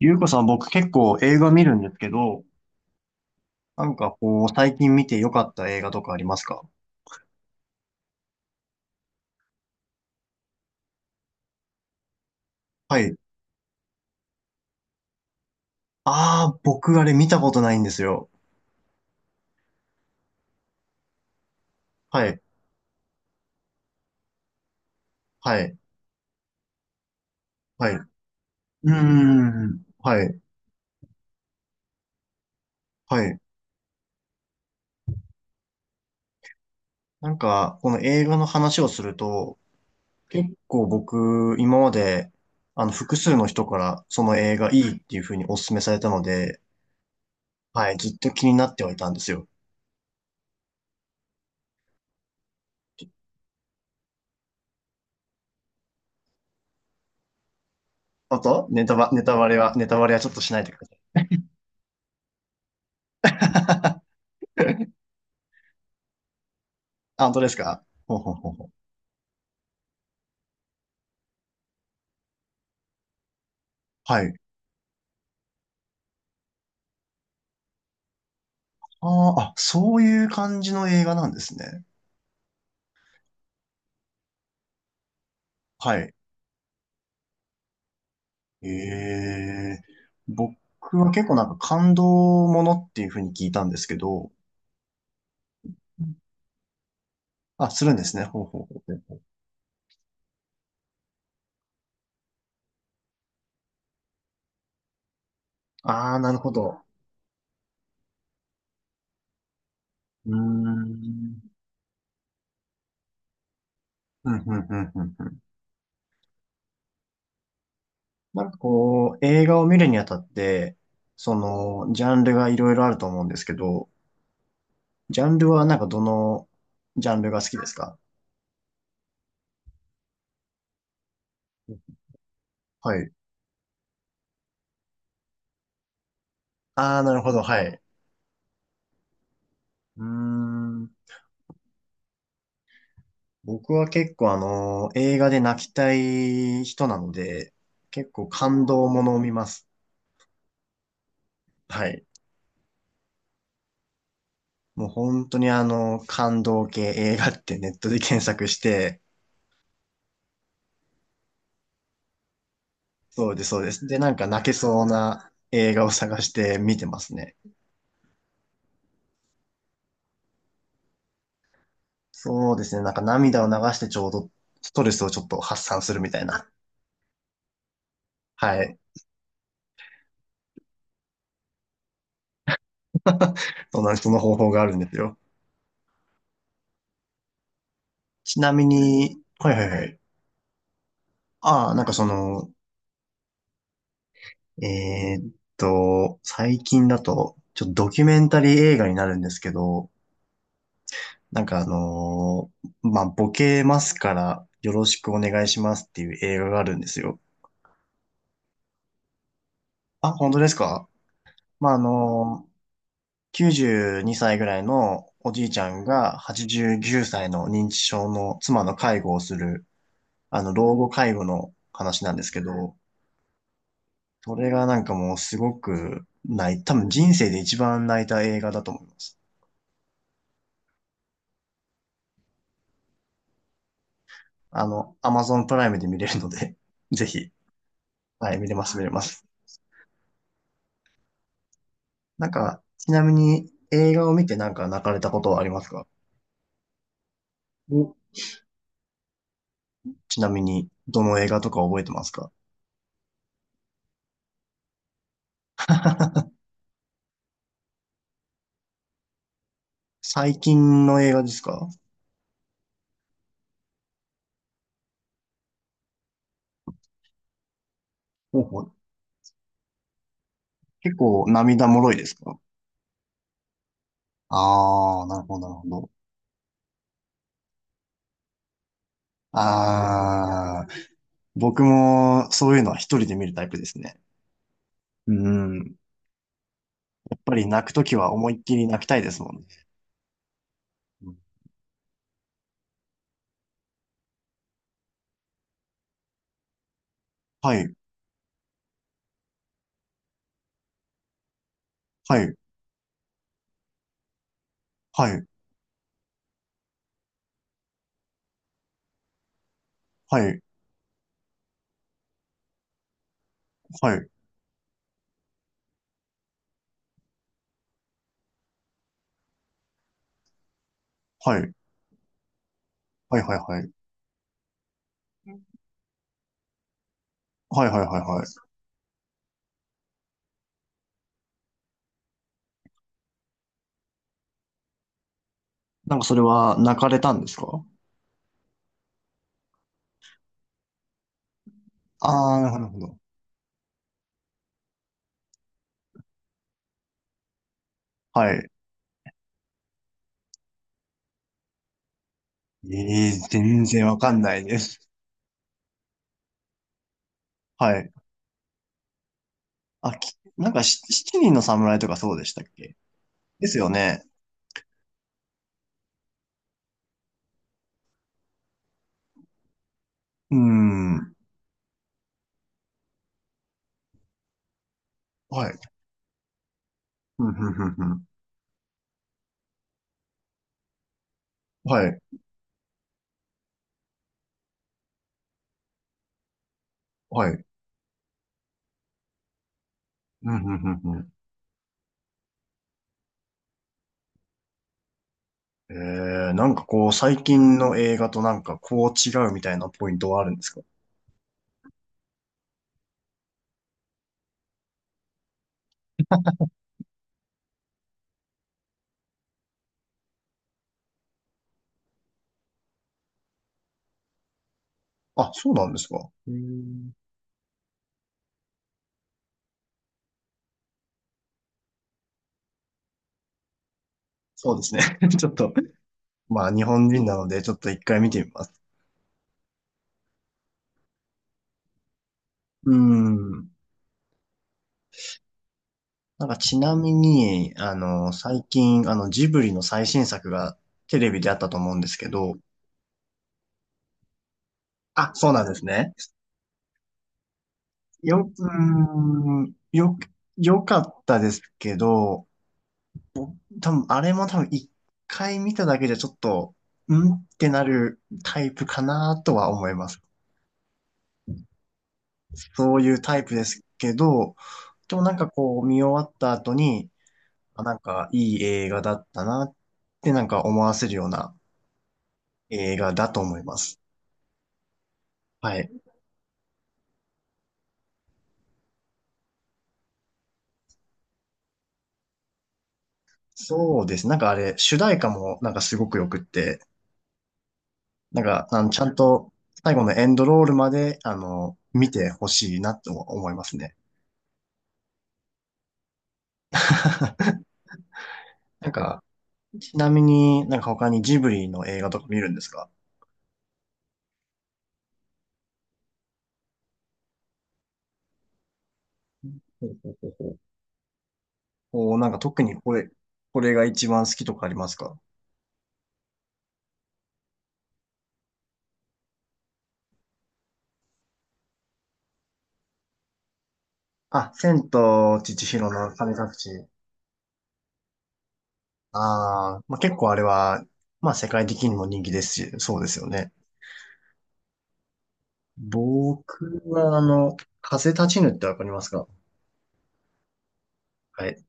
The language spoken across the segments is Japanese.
ゆうこさん、僕結構映画見るんですけど、なんかこう、最近見て良かった映画とかありますか？はい。ああ、僕あれ見たことないんですよ。はい、はい、はい。うーん、はい、はい。なんか、この映画の話をすると、結構僕、今まで、複数の人からその映画いいっていう風にお勧めされたので、はい、ずっと気になってはいたんですよ。あと、ネタバレは、ちょっとしないでください。あ、本当ですか？ほうほうほうほう、はい。あーあ、そういう感じの映画なんですね。はい。ええ、僕は結構なんか感動ものっていうふうに聞いたんですけど、うん、あ、するんですね。ほうほうほうほうほう。ああ、なるほど。うーん。うんうんうんうんうん。なんかこう、映画を見るにあたって、ジャンルがいろいろあると思うんですけど、ジャンルはなんかどのジャンルが好きですか？はい。ああ、なるほど、はい。うーん。僕は結構映画で泣きたい人なので、結構感動ものを見ます。はい。もう本当に感動系映画ってネットで検索して、そうです、そうです。で、なんか泣けそうな映画を探して見てますね。そうですね。なんか涙を流してちょうどストレスをちょっと発散するみたいな。はい。そんな、その方法があるんですよ。ちなみに、はいはいはい。ああ、なんかその、えーっ最近だと、ちょっとドキュメンタリー映画になるんですけど、なんかまあ、ボケますからよろしくお願いしますっていう映画があるんですよ。あ、本当ですか？まあ、92歳ぐらいのおじいちゃんが89歳の認知症の妻の介護をする、老後介護の話なんですけど、それがなんかもうすごく多分人生で一番泣いた映画だと思います。Amazon プライムで見れるので、ぜひ、はい、見れます、見れます。なんか、ちなみに映画を見てなんか泣かれたことはありますか？お、ちなみに、どの映画とか覚えてますか？ 最近の映画ですか？ほうほう、結構涙もろいですか？ああー、なるほど、なるほど。ああ、僕もそういうのは一人で見るタイプですね。うん。やっぱり泣くときは思いっきり泣きたいですもんね。はい、はい、はい、はい、はい、はい。はいはいはい。はいはいはいはい。なんかそれは泣かれたんですか？ああー、なるほど。なるほど、はい。ええー、全然わかんないです。はい。あ、なんか七人の侍とかそうでしたっけ？ですよね。うーん。はい。ふんふんふんふん。はい。はい。ふんふんふんふん。ええー、なんかこう、最近の映画となんかこう違うみたいなポイントはあるんですか？あ、そうなんですか。うーん。そうですね。ちょっと、まあ日本人なので、ちょっと一回見てみます。うーん。なんかちなみに、最近、ジブリの最新作がテレビであったと思うんですけど、あ、そうなんですね。よ、うーん、よ、よかったですけど、多分、あれも多分一回見ただけじゃちょっと、んってなるタイプかなとは思います。そういうタイプですけど、でもなんかこう、見終わった後に、あ、なんかいい映画だったなってなんか思わせるような映画だと思います。はい。そうです。なんかあれ、主題歌もなんかすごくよくって、なんか、ちゃんと最後のエンドロールまで、見てほしいなと思いますね。なんか、ちなみになんか他にジブリの映画とか見るんですか？ほうほうほうほう、おー、なんか特にこれが一番好きとかありますか？あ、千と千尋の神隠し。ああ、まあ、結構あれは、まあ世界的にも人気ですし、そうですよね。僕は風立ちぬってわかりますか？はい。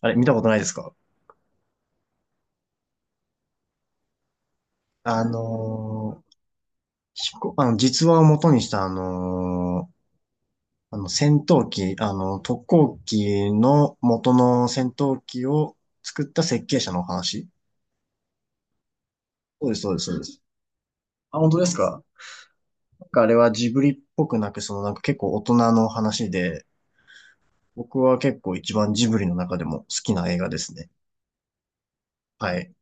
あれ、見たことないですか？あのー実話を元にした、戦闘機、特攻機の元の戦闘機を作った設計者のお話。そうです、そうです、そうです。あ、本当ですか？なんかあれはジブリっぽくなく、そのなんか結構大人の話で、僕は結構一番ジブリの中でも好きな映画ですね。はい。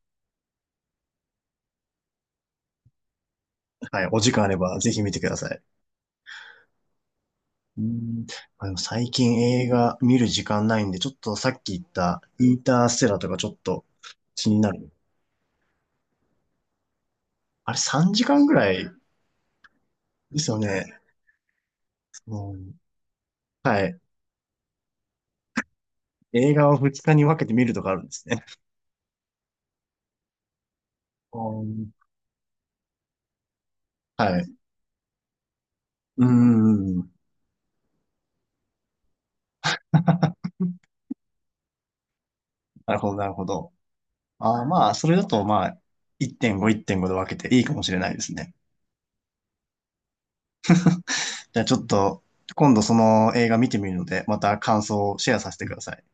はい。お時間あればぜひ見てください。うん、まあでも最近映画見る時間ないんで、ちょっとさっき言ったインターステラーとかちょっと気になる。あれ3時間ぐらいですよね。うん、はい。映画を2日に分けて見るとかあるんですね。うん、はい。うん。なるほど、なるほど。あーまあ、それだとまあ、1.5、1.5で分けていいかもしれないですね。じゃあちょっと、今度その映画見てみるので、また感想をシェアさせてください。